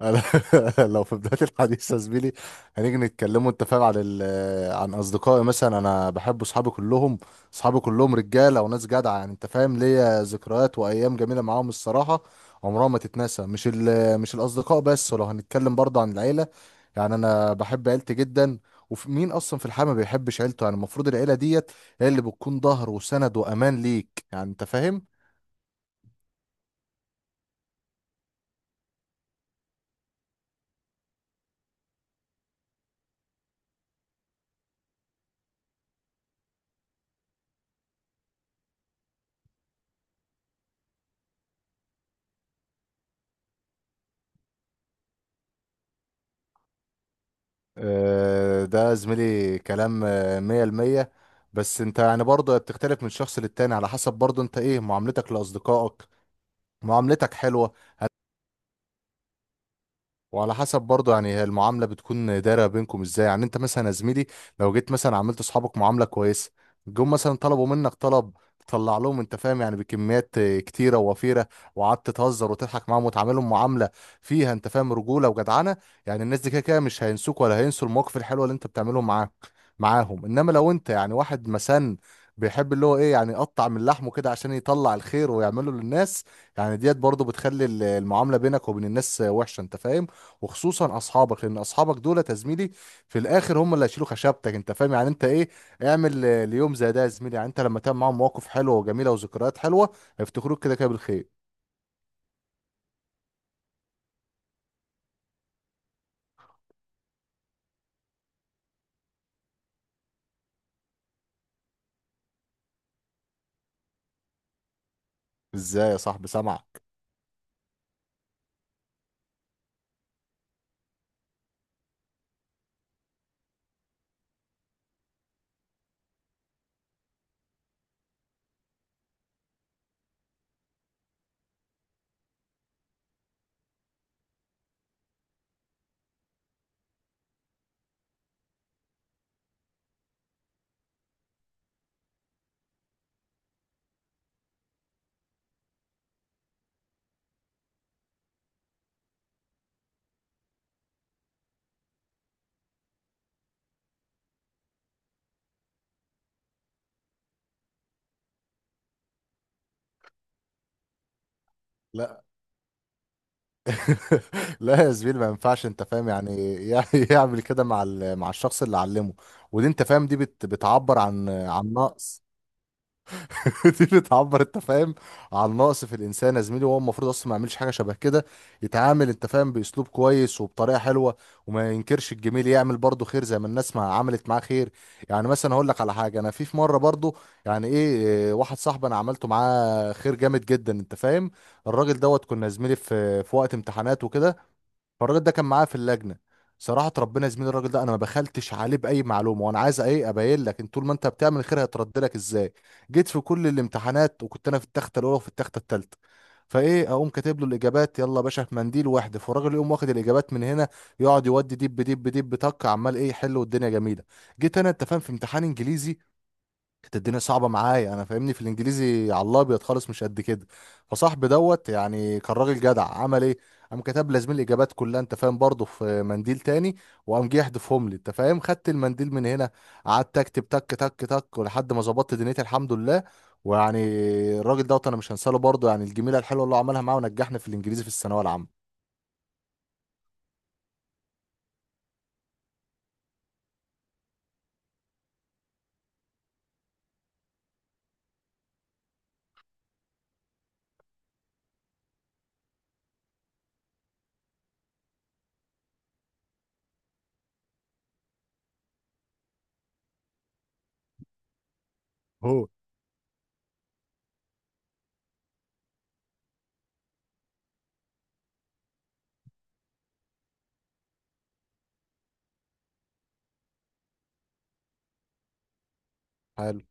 أنا. لو في بداية الحديث يا زميلي، هنيجي نتكلموا، انت فاهم، عن اصدقائي. مثلا انا بحب اصحابي كلهم. اصحابي كلهم رجاله وناس جدعه، يعني انت فاهم، ليا ذكريات وايام جميله معاهم، الصراحه عمرها ما تتنسى. مش الاصدقاء بس، ولو هنتكلم برضه عن العيله، يعني انا بحب عيلتي جدا. ومين اصلا في الحياه ما بيحبش عيلته؟ يعني المفروض العيله ديت هي اللي بتكون ظهر وسند وامان ليك، يعني انت فاهم. آه، ده زميلي كلام، مية المية. بس انت يعني برضه بتختلف من شخص للتاني، على حسب برضه انت ايه معاملتك لأصدقائك. معاملتك حلوة، وعلى حسب برضه يعني هي المعامله بتكون دايره بينكم ازاي. يعني انت مثلا يا زميلي، لو جيت مثلا عملت اصحابك معامله كويسه، جم مثلا طلبوا منك طلب، تطلع لهم انت فاهم يعني بكميات كتيره ووفيره، وقعدت تهزر وتضحك معاهم وتعاملهم معامله فيها انت فاهم رجوله وجدعنه. يعني الناس دي كده كده مش هينسوك ولا هينسوا المواقف الحلوه اللي انت بتعمله معاك معاهم. انما لو انت يعني واحد مسن بيحب اللي هو ايه يعني يقطع من لحمه كده عشان يطلع الخير ويعمله للناس، يعني ديت برضه بتخلي المعامله بينك وبين الناس وحشه، انت فاهم. وخصوصا اصحابك، لان اصحابك دول يا زميلي في الاخر هم اللي هيشيلوا خشبتك، انت فاهم. يعني انت ايه اعمل ليوم زي ده يا زميلي، يعني انت لما تعمل معاهم مواقف حلوه وجميله وذكريات حلوه، هيفتكروك كده كده بالخير. ازاي يا صاحبي، سامعك. لا. لا يا زميلي، ما ينفعش انت فاهم يعني، يعني يعمل كده مع الشخص اللي علمه. ودي انت فاهم دي بت بتعبر عن نقص. دي بتعبر انت فاهم عن نقص في الانسان يا زميلي. وهو المفروض اصلا ما يعملش حاجه شبه كده. يتعامل انت فاهم باسلوب كويس وبطريقه حلوه، وما ينكرش الجميل، يعمل برضه خير زي ما الناس ما عملت معاه خير. يعني مثلا هقول لك على حاجه. انا في مره برضه، يعني ايه واحد صاحبي انا عملته معاه خير جامد جدا، انت فاهم. الراجل دوت كنا يا زميلي في وقت امتحانات وكده، فالراجل ده كان معايا في اللجنه. صراحه ربنا يا زميلي، الراجل ده انا ما بخلتش عليه باي معلومه، وانا عايز ايه ابين لك ان طول ما انت بتعمل الخير هيترد لك ازاي. جيت في كل الامتحانات وكنت انا في التخته الاولى، وفي التخته الثالثه، فايه اقوم كاتب له الاجابات يلا يا باشا في منديل واحد. فالراجل يقوم واخد الاجابات من هنا، يقعد يودي دب دب دب طق، عمال ايه يحل والدنيا جميله. جيت انا انت فاهم في امتحان انجليزي، كانت الدنيا صعبه معايا، انا فاهمني في الانجليزي على الابيض خالص مش قد كده. فصاحبي دوت يعني كان راجل جدع، عمل ايه قام كتب لي زميل الاجابات كلها، انت فاهم، برضه في منديل تاني. وقام جه يحذفهم لي، انت فاهم، خدت المنديل من هنا، قعدت اكتب تك تك تك ولحد ما ظبطت دنيتي الحمد لله. ويعني الراجل دوت انا مش هنساله، برضه يعني الجميله الحلوه اللي هو عملها معاه ونجحني في الانجليزي في الثانويه العامه. هو حلو.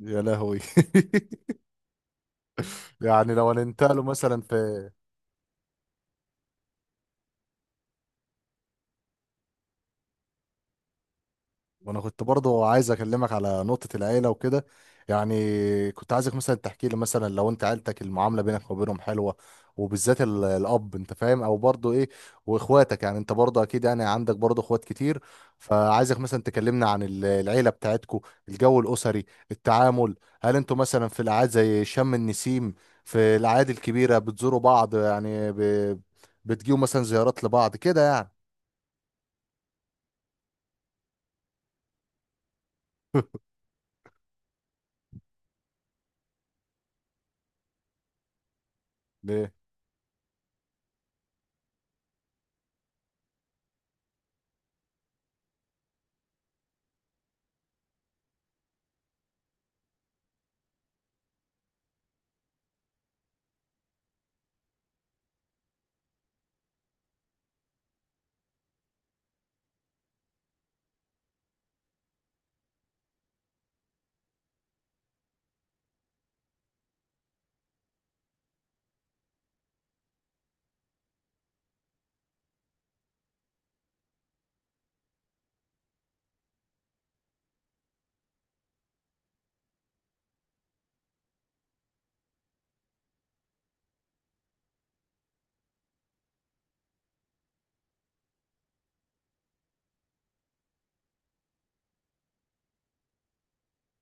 يا لهوي. يعني لو هننتقله مثلا في. وانا كنت برضو عايز اكلمك على نقطة العيلة وكده، يعني كنت عايزك مثلا تحكي لي مثلا لو انت عيلتك المعاملة بينك وبينهم حلوة، وبالذات الاب، انت فاهم، او برضو ايه واخواتك. يعني انت برضو اكيد يعني عندك برضو اخوات كتير. فعايزك مثلا تكلمنا عن العيلة بتاعتكو، الجو الاسري، التعامل. هل انتوا مثلا في الاعياد زي شم النسيم، في الاعياد الكبيرة بتزوروا بعض؟ يعني بتجيوا مثلا زيارات لبعض كده، يعني.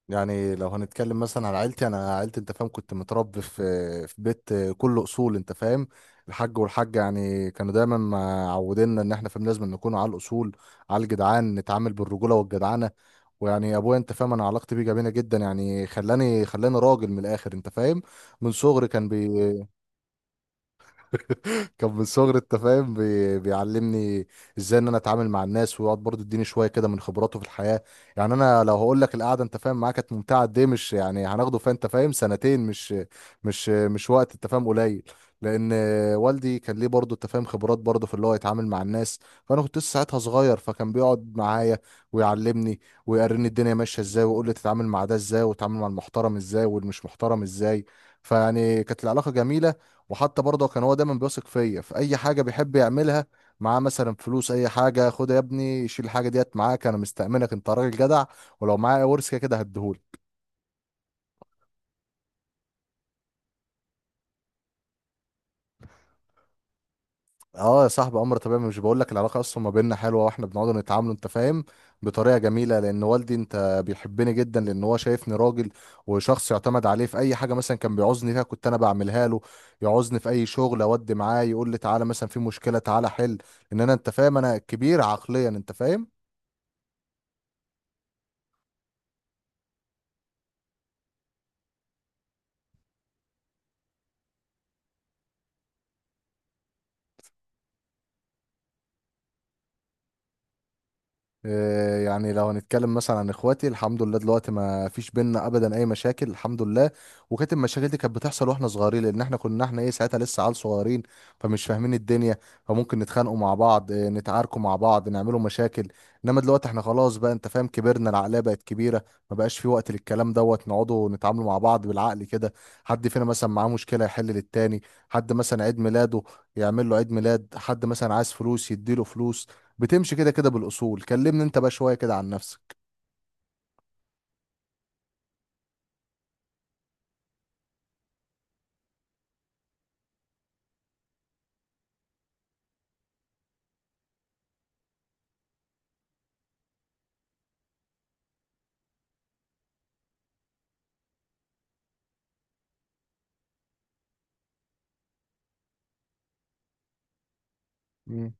يعني لو هنتكلم مثلا على عيلتي، انا عيلتي انت فاهم كنت متربي في في بيت كله اصول، انت فاهم. الحاج والحاجه يعني كانوا دايما معودينا ان احنا فاهم لازم نكون على الاصول، على الجدعان نتعامل بالرجوله والجدعنه. ويعني ابويا انت فاهم، انا علاقتي بيه جميله جدا، يعني خلاني راجل من الاخر، انت فاهم. من صغري كان بي. كان من صغري انت فاهم بيعلمني ازاي ان انا اتعامل مع الناس، ويقعد برضه يديني شويه كده من خبراته في الحياه. يعني انا لو هقول لك القعده انت فاهم معاك كانت ممتعه قد ايه، مش يعني هناخده فيها انت فاهم سنتين، مش وقت انت فاهم قليل. لان والدي كان ليه برضه انت فاهم خبرات برضه في اللي هو يتعامل مع الناس. فانا كنت لسه ساعتها صغير، فكان بيقعد معايا ويعلمني ويوريني الدنيا ماشيه ازاي، ويقول لي تتعامل مع ده ازاي، وتتعامل مع المحترم ازاي والمش محترم ازاي. فيعني كانت العلاقه جميله. وحتى برضه كان هو دايما بيثق فيا في اي حاجه بيحب يعملها، معاه مثلا فلوس اي حاجه خدها يا ابني شيل الحاجه ديت معاك، انا مستأمنك، انت راجل جدع. ولو معايا ورث كده كده هديهولك. اه يا صاحبي، امر طبيعي. مش بقول لك العلاقه اصلا ما بيننا حلوه، واحنا بنقعد نتعامل انت فاهم بطريقه جميله، لان والدي انت بيحبني جدا لان هو شايفني راجل وشخص يعتمد عليه في اي حاجه. مثلا كان بيعوزني فيها كنت انا بعملها له. يعوزني في اي شغل اودي معاه، يقول لي تعالى مثلا في مشكله تعالى حل، ان انا انت فاهم انا كبير عقليا، انت فاهم. آه، يعني لو هنتكلم مثلا عن اخواتي، الحمد لله دلوقتي ما فيش بينا ابدا اي مشاكل الحمد لله. وكانت المشاكل دي كانت بتحصل واحنا صغيرين، لان احنا كنا احنا ايه ساعتها لسه عيال صغيرين، فمش فاهمين الدنيا. فممكن نتخانقوا مع بعض، نتعاركوا مع بعض، نعملوا مشاكل. انما دلوقتي احنا خلاص بقى انت فاهم كبرنا، العقليه بقت كبيره، ما بقاش في وقت للكلام دوت. نقعدوا نتعاملوا مع بعض بالعقل كده. حد فينا مثلا معاه مشكله يحل للتاني. حد مثلا عيد ميلاده يعمل له عيد ميلاد. حد مثلا عايز فلوس يديله فلوس. بتمشي كده كده بالاصول. كلمني انت بقى شويه كده عن نفسك. مم.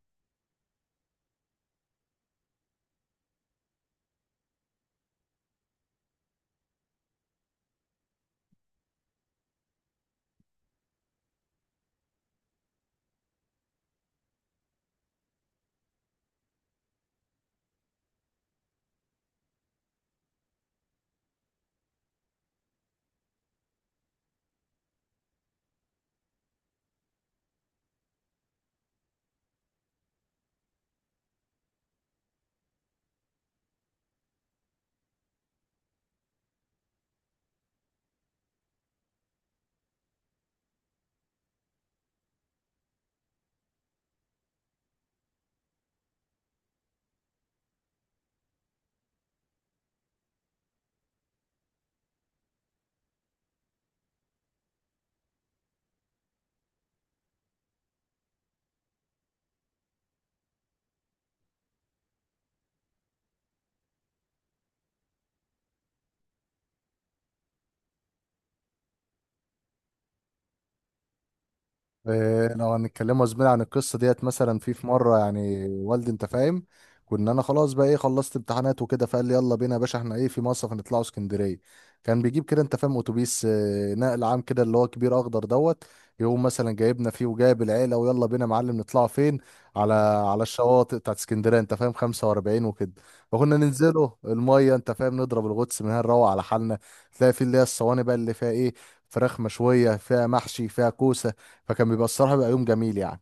إيه، لو هنتكلموا يا زميلي عن القصه ديت، مثلا في في مره يعني والدي انت فاهم كنا انا خلاص بقى ايه خلصت امتحانات وكده، فقال لي يلا بينا يا باشا احنا ايه في مصيف، هنطلعوا اسكندريه. كان بيجيب كده انت فاهم اتوبيس نقل عام كده اللي هو كبير اخضر دوت، يقوم مثلا جايبنا فيه وجايب العيله، ويلا بينا يا معلم. نطلعوا فين؟ على على الشواطئ بتاعت اسكندريه، انت فاهم 45 وكده. فكنا ننزله الميه انت فاهم نضرب الغطس من هنا، نروح على حالنا. تلاقي في اللي هي الصواني بقى اللي فيها ايه، فراخ مشويه فيها محشي فيها كوسه. فكان بيبقى الصراحة بيبقى يوم جميل يعني.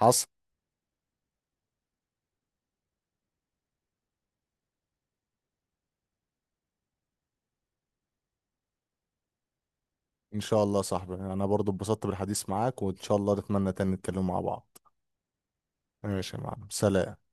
حصل. ان شاء الله يا صاحبي، انا برضو اتبسطت بالحديث معاك، وان شاء الله نتمنى تاني نتكلم مع بعض. ماشي يا معلم، سلام.